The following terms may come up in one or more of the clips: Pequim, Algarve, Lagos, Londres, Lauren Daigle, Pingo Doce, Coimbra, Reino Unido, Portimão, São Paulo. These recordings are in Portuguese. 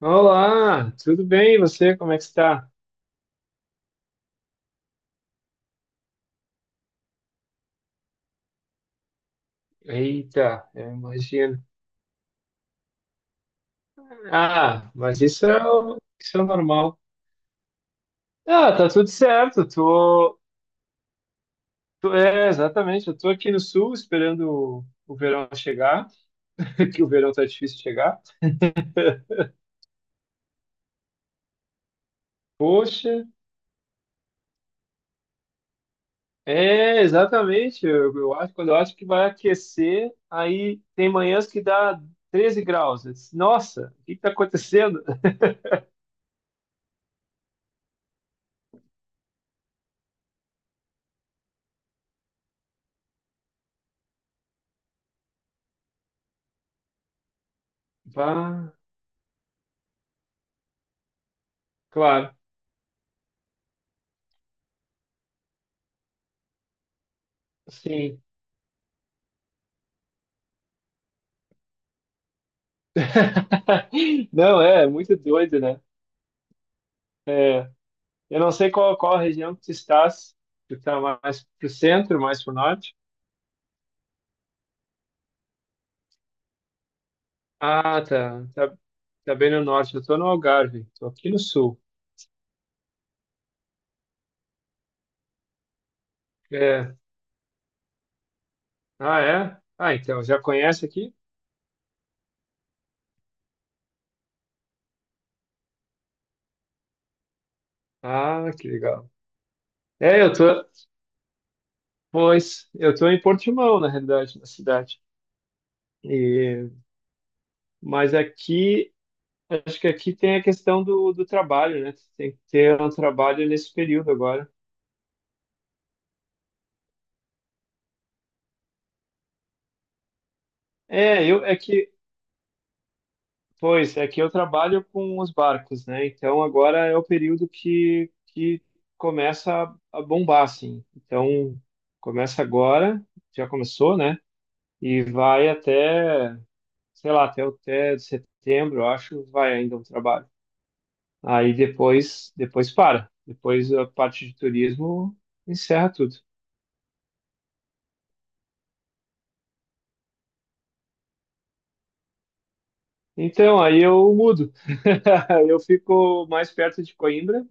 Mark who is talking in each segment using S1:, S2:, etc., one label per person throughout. S1: Olá, tudo bem? E você, como é que está? Eita, eu imagino. Ah, mas isso é normal. Ah, tá tudo certo. Exatamente. Eu tô aqui no sul esperando o verão chegar, que o verão tá difícil de chegar. Poxa, é, exatamente. Eu acho, quando eu acho que vai aquecer, aí tem manhãs que dá 13 graus. Eu disse, nossa, o que que tá acontecendo? Bah, claro, sim. Não, é muito doido, né? É, eu não sei qual a região que tu estás. Tu tá mais pro centro, mais pro norte? Ah, tá. Tá, tá bem no norte. Eu tô no Algarve. Tô aqui no sul. É. Ah, é? Ah, então, já conhece aqui? Ah, que legal. É, eu tô... Pois, eu tô em Portimão, na realidade, na cidade. E, mas aqui, acho que aqui tem a questão do trabalho, né? Tem que ter um trabalho nesse período agora. É, eu é que Pois é que eu trabalho com os barcos, né? Então agora é o período que começa a bombar, assim. Então começa agora, já começou, né? E vai até, sei lá, até, o até setembro, eu acho, vai ainda o trabalho. Aí depois, depois para. Depois a parte de turismo encerra tudo. Então aí eu mudo. Eu fico mais perto de Coimbra.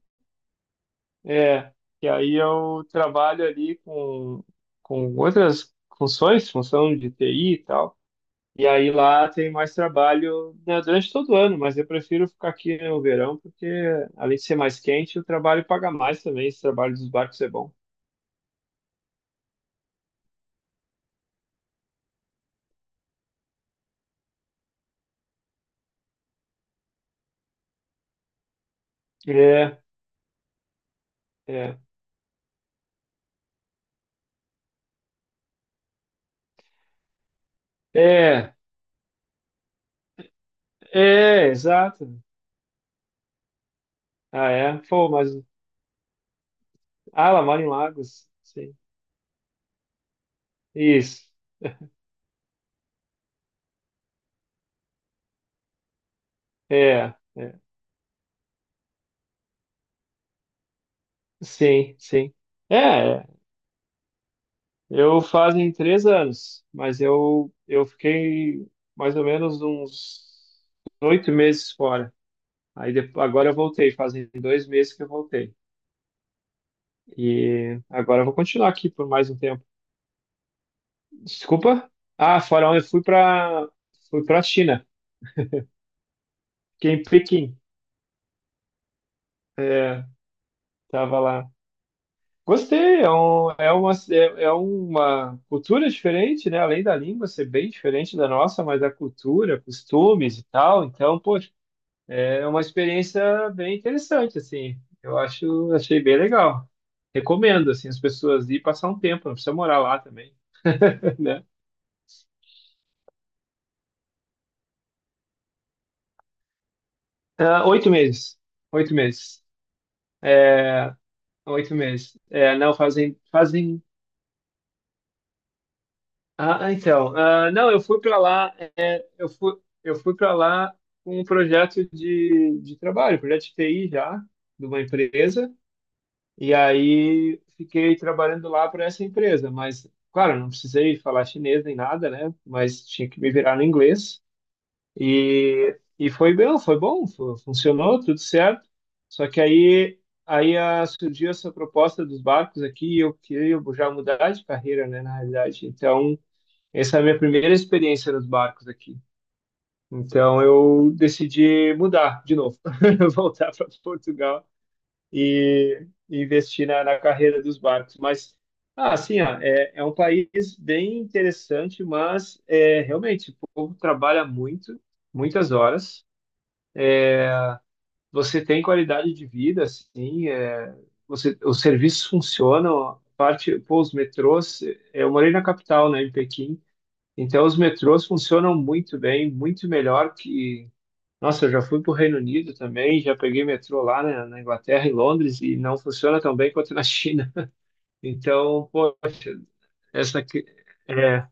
S1: É, e aí eu trabalho ali com outras funções, função de TI e tal. E aí lá tem mais trabalho, né, durante todo o ano, mas eu prefiro ficar aqui no verão, porque além de ser mais quente, o trabalho paga mais também. Esse trabalho dos barcos é bom. É, é, é, é, exato. Ah, é? Pô, mas. Ah, ela mora em Lagos. Sim. Isso. É, é. Sim, sim. É, é. Eu fazem 3 anos, mas eu fiquei mais ou menos uns 8 meses fora. Aí depois, agora eu voltei, fazem 2 meses que eu voltei. E agora eu vou continuar aqui por mais um tempo. Desculpa? Ah, fora onde eu fui para fui para China, fiquei em Pequim. É, tava lá. Gostei, é uma cultura diferente, né? Além da língua ser bem diferente da nossa, mas a cultura, costumes e tal. Então, pô, é uma experiência bem interessante, assim. Eu acho, achei bem legal. Recomendo, assim, as pessoas ir passar um tempo, não precisa morar lá também, né? Ah, 8 meses. 8 meses. É, 8 meses. É, não, fazem, fazem... não, eu fui para lá, eu fui para lá com um projeto de trabalho, projeto de TI já, de uma empresa, e aí fiquei trabalhando lá para essa empresa, mas claro, não precisei falar chinês nem nada, né? Mas tinha que me virar no inglês. E foi bem, foi bom, funcionou, tudo certo. Só que surgiu essa proposta dos barcos aqui e eu queria já mudar de carreira, né, na realidade. Então, essa é a minha primeira experiência nos barcos aqui. Então, eu decidi mudar de novo, voltar para Portugal e investir na, na carreira dos barcos. Mas, ah, assim, ó, é, é um país bem interessante, mas é, realmente o povo trabalha muito, muitas horas. Você tem qualidade de vida, assim, é, você, os serviços funcionam. A parte, pô, os metrôs, eu morei na capital, né, em Pequim, então os metrôs funcionam muito bem, muito melhor que. Nossa, eu já fui para o Reino Unido também, já peguei metrô lá na, na Inglaterra, em Londres, e não funciona tão bem quanto na China. Então, pô, essa que é,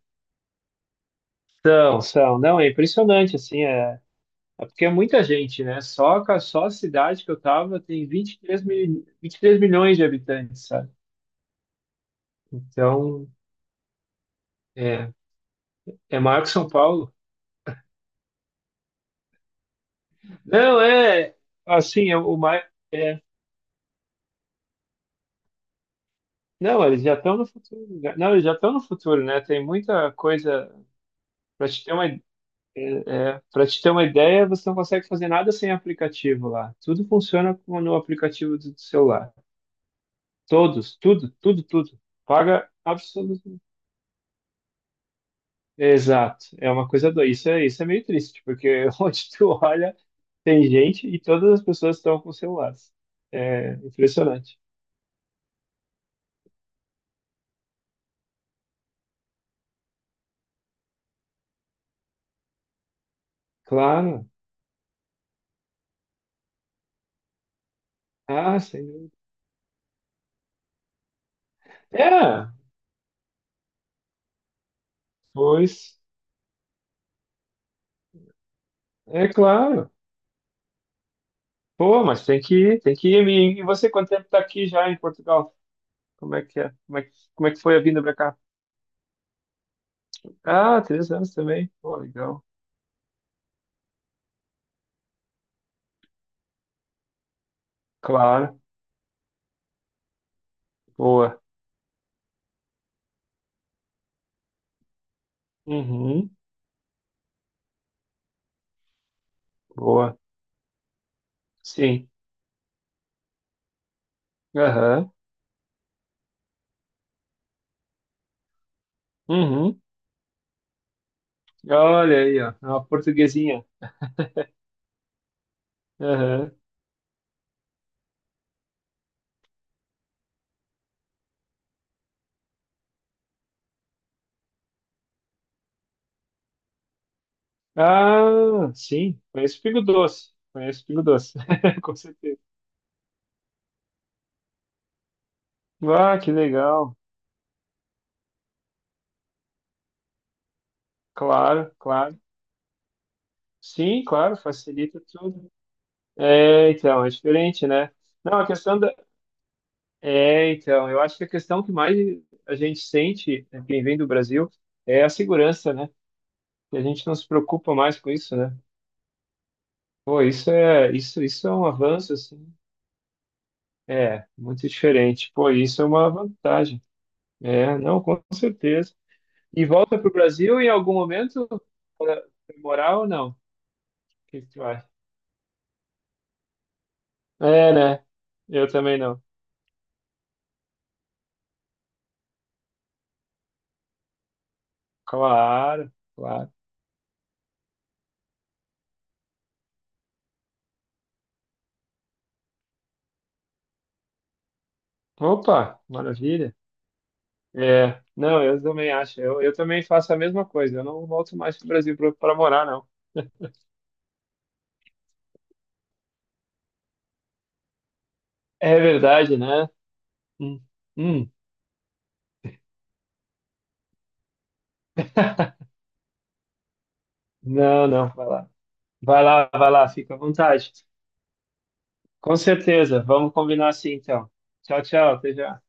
S1: são, são, não, é impressionante assim, é, é porque é muita gente, né? Só a cidade que eu tava tem 23 mil, 23 milhões de habitantes, sabe? Então, é, é maior que São Paulo. Não, é assim, é o mais é, não, eles já estão no futuro. Né? Não, eles já estão no futuro, né? Tem muita coisa para te ter uma é, para te ter uma ideia, você não consegue fazer nada sem aplicativo lá. Tudo funciona no aplicativo do celular. Todos, tudo, tudo, tudo. Paga absolutamente. Exato. É uma coisa doida. Isso é meio triste, porque onde tu olha, tem gente e todas as pessoas estão com celulares. É impressionante. Claro. Ah, sem dúvida. É, pois, é claro. Pô, mas tem que ir, tem que ir. E você, quanto tempo tá aqui já em Portugal? Como é que é? Como é que foi a vinda pra cá? Ah, 3 anos também. Pô, legal. Claro. Boa. Uhum. Boa. Sim. Aham. Uhum. Olha aí, ó. É uma portuguesinha. Aham. Ah, sim. Conheço Pingo Doce. Conheço Pingo Doce. Com certeza. Ah, que legal. Claro, claro. Sim, claro, facilita tudo. É, então, é diferente, né? Não, a questão da. É, então, eu acho que a questão que mais a gente sente, né, quem vem do Brasil, é a segurança, né? E a gente não se preocupa mais com isso, né? Pô, isso é um avanço, assim. É, muito diferente. Pô, isso é uma vantagem. É, não, com certeza. E volta para o Brasil em algum momento para morar ou não? O que que tu acha? É, né? Eu também não. Claro, claro. Opa, maravilha. É, não, eu também acho. Eu também faço a mesma coisa. Eu não volto mais para o Brasil para morar, não. É verdade, né? Hum, hum. Não, não, vai lá. Vai lá, vai lá, fica à vontade. Com certeza. Vamos combinar assim, então. Tchau, tchau, até já.